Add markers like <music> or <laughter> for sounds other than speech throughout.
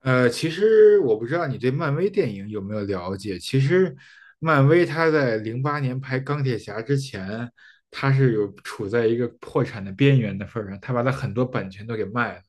其实我不知道你对漫威电影有没有了解。其实，漫威它在零八年拍钢铁侠之前，它是有处在一个破产的边缘的份儿上，它把它很多版权都给卖了，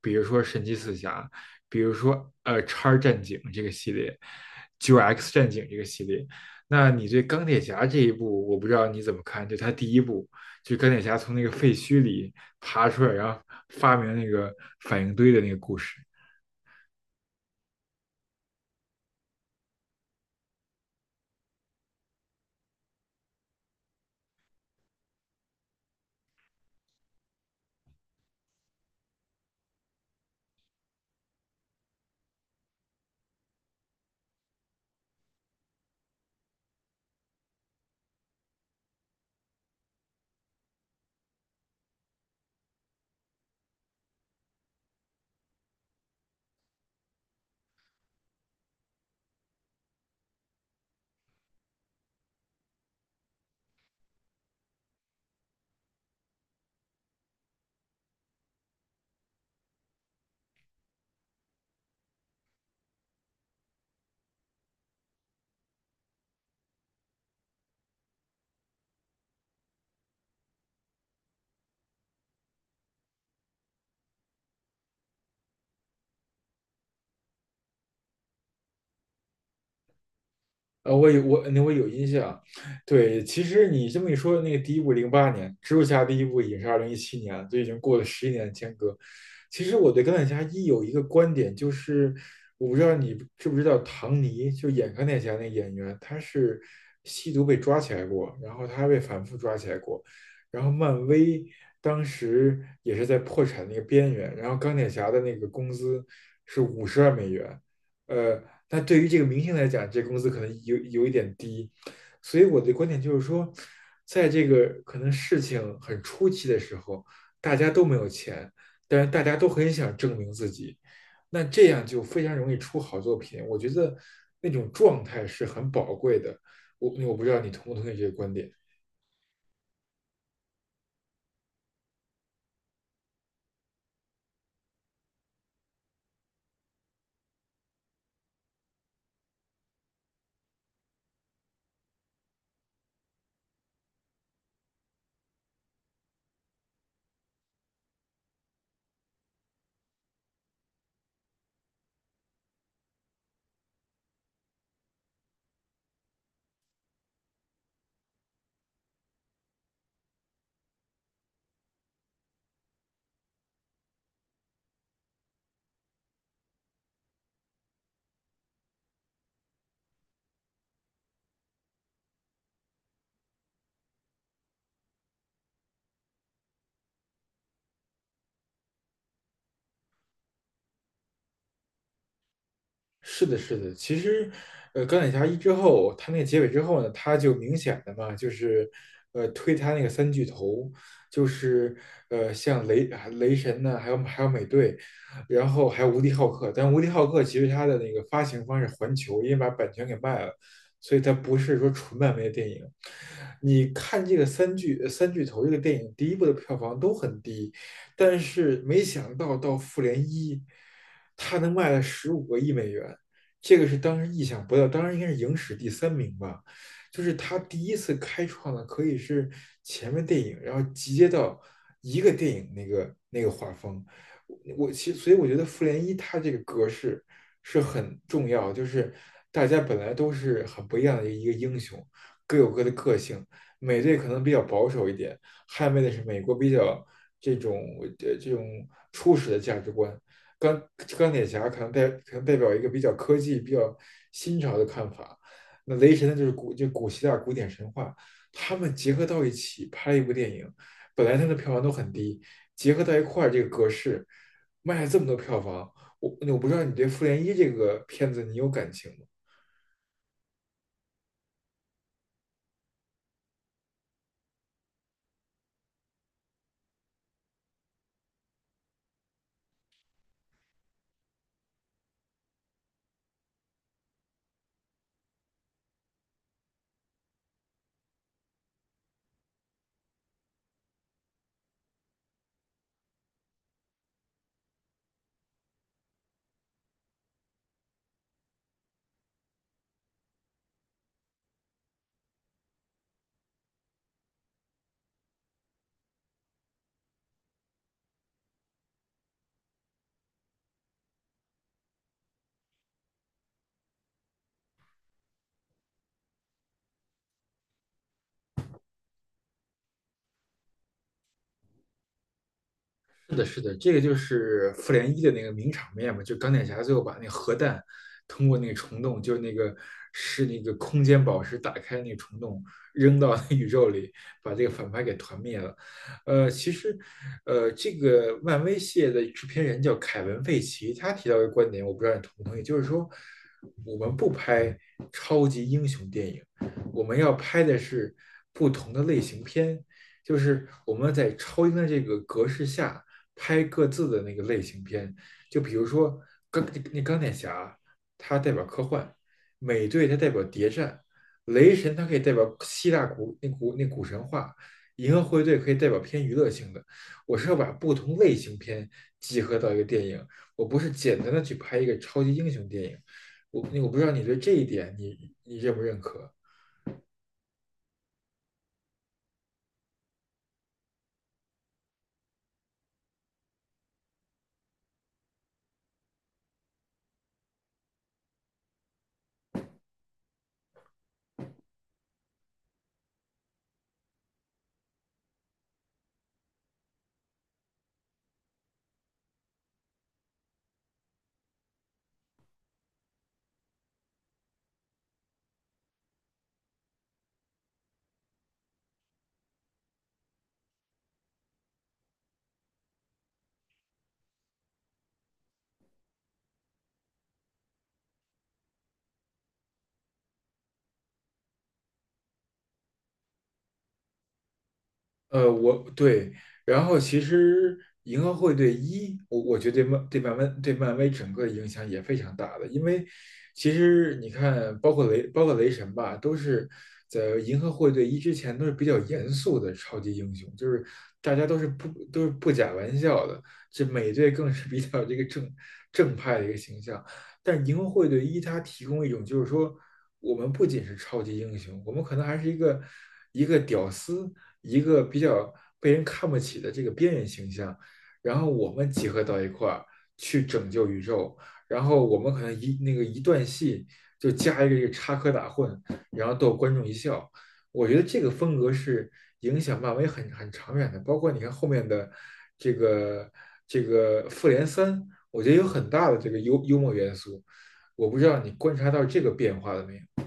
比如说神奇四侠，比如说叉战警这个系列，九 X 战警这个系列。那你对钢铁侠这一部，我不知道你怎么看？就它第一部，就钢铁侠从那个废墟里爬出来，然后发明那个反应堆的那个故事。我有印象，对，其实你这么一说，那个第一部零八年，蜘蛛侠第一部也是2017年，就已经过了11年的间隔。其实我对钢铁侠一有一个观点，就是我不知道你知不知道唐尼，就演钢铁侠那个演员，他是吸毒被抓起来过，然后他还被反复抓起来过，然后漫威当时也是在破产那个边缘，然后钢铁侠的那个工资是50万美元。呃，但对于这个明星来讲，这工资可能有一点低。所以我的观点就是说，在这个可能事情很初期的时候，大家都没有钱，但是大家都很想证明自己，那这样就非常容易出好作品。我觉得那种状态是很宝贵的。我不知道你同不同意这个观点。是的，是的，其实，钢铁侠一之后，他那个结尾之后呢，他就明显的嘛，就是，推他那个三巨头，就是，像雷神呢，还有美队，然后还有无敌浩克，但无敌浩克其实他的那个发行方是环球，因为把版权给卖了，所以它不是说纯漫威的电影。你看这个三巨头这个电影，第一部的票房都很低，但是没想到到复联一，它能卖了15亿美元，这个是当时意想不到，当然应该是影史第三名吧，就是它第一次开创了可以是前面电影，然后集结到一个电影那个画风。所以我觉得复联一它这个格式是很重要，就是大家本来都是很不一样的一个英雄，各有各的个性，美队可能比较保守一点，捍卫的是美国比较这种初始的价值观。钢钢铁侠可能代表一个比较科技、比较新潮的看法，那雷神呢就是古希腊古典神话，他们结合到一起拍一部电影，本来它的票房都很低，结合到一块儿这个格式卖了这么多票房，我不知道你对《复联一》这个片子你有感情吗？是的，是的，这个就是复联一的那个名场面嘛，就钢铁侠最后把那核弹通过那个虫洞，就是那个空间宝石打开那个虫洞，扔到那宇宙里，把这个反派给团灭了。其实，这个漫威系列的制片人叫凯文·费奇，他提到一个观点，我不知道你同不同意，就是说我们不拍超级英雄电影，我们要拍的是不同的类型片，就是我们在超英的这个格式下拍各自的那个类型片，就比如说钢那钢铁侠，它代表科幻；美队它代表谍战；雷神它可以代表希腊古神话；银河护卫队可以代表偏娱乐性的。我是要把不同类型片集合到一个电影，我不是简单的去拍一个超级英雄电影。我不知道你对这一点你认不认可？我对，然后其实银河护卫队一，我觉得对漫对漫威对漫威整个影响也非常大的，因为其实你看，包括雷神吧，都是在银河护卫队一之前都是比较严肃的超级英雄，就是大家都是不假玩笑的，这美队更是比较这个正派的一个形象，但是银河护卫队一它提供一种就是说，我们不仅是超级英雄，我们可能还是一个屌丝。一个比较被人看不起的这个边缘形象，然后我们集合到一块儿去拯救宇宙，然后我们可能那个一段戏就加一个这个插科打诨，然后逗观众一笑。我觉得这个风格是影响漫威很长远的，包括你看后面的这个复联三，我觉得有很大的这个幽默元素。我不知道你观察到这个变化了没有？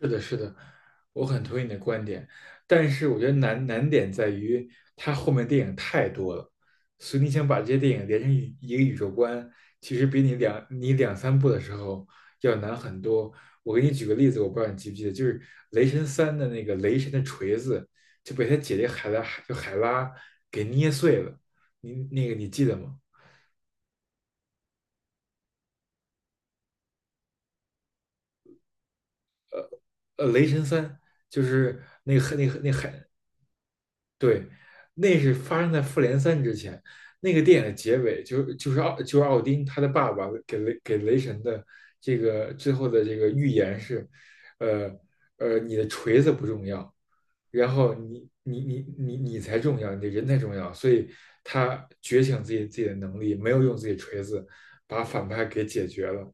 是的，是的，我很同意你的观点，但是我觉得难点在于它后面电影太多了，所以你想把这些电影连成一个宇宙观，其实比你两三部的时候要难很多。我给你举个例子，我不知道你记不记得，就是《雷神三》的那个雷神的锤子就被他姐姐海拉就海拉给捏碎了，你那个你记得吗？雷神三》就是那个那个那海对，那是发生在《复联三》之前。那个电影的结尾就就是奥就是奥丁他的爸爸给雷神的这个最后的这个预言是，呃你的锤子不重要，然后你才重要，你的人才重要，所以他觉醒自己的能力，没有用自己锤子把反派给解决了。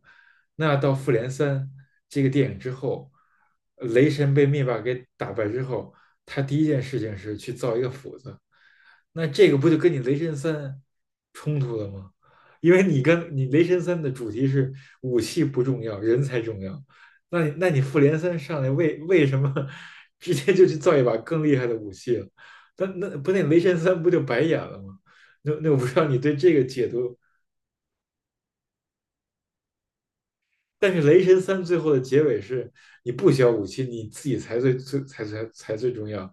那到复联三这个电影之后，雷神被灭霸给打败之后，他第一件事情是去造一个斧子，那这个不就跟你雷神三冲突了吗？因为你跟你雷神三的主题是武器不重要，人才重要，那你复联三上来为什么 <laughs> 直接就去造一把更厉害的武器了？那雷神三不就白演了吗？那我不知道你对这个解读但是《雷神三》最后的结尾是，你不需要武器，你自己才最最才才才最重要。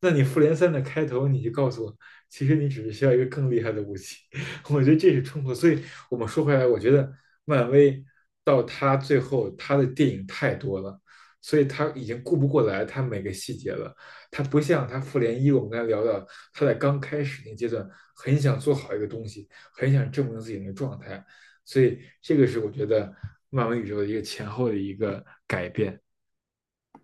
那你《复联三》的开头你就告诉我，其实你只是需要一个更厉害的武器。<laughs> 我觉得这是冲突。所以我们说回来，我觉得漫威到他最后，他的电影太多了，所以他已经顾不过来他每个细节了。他不像他《复联一》，我们刚才聊到，他在刚开始那阶段很想做好一个东西，很想证明自己那个状态。所以这个是我觉得漫威宇宙的一个前后的一个改变。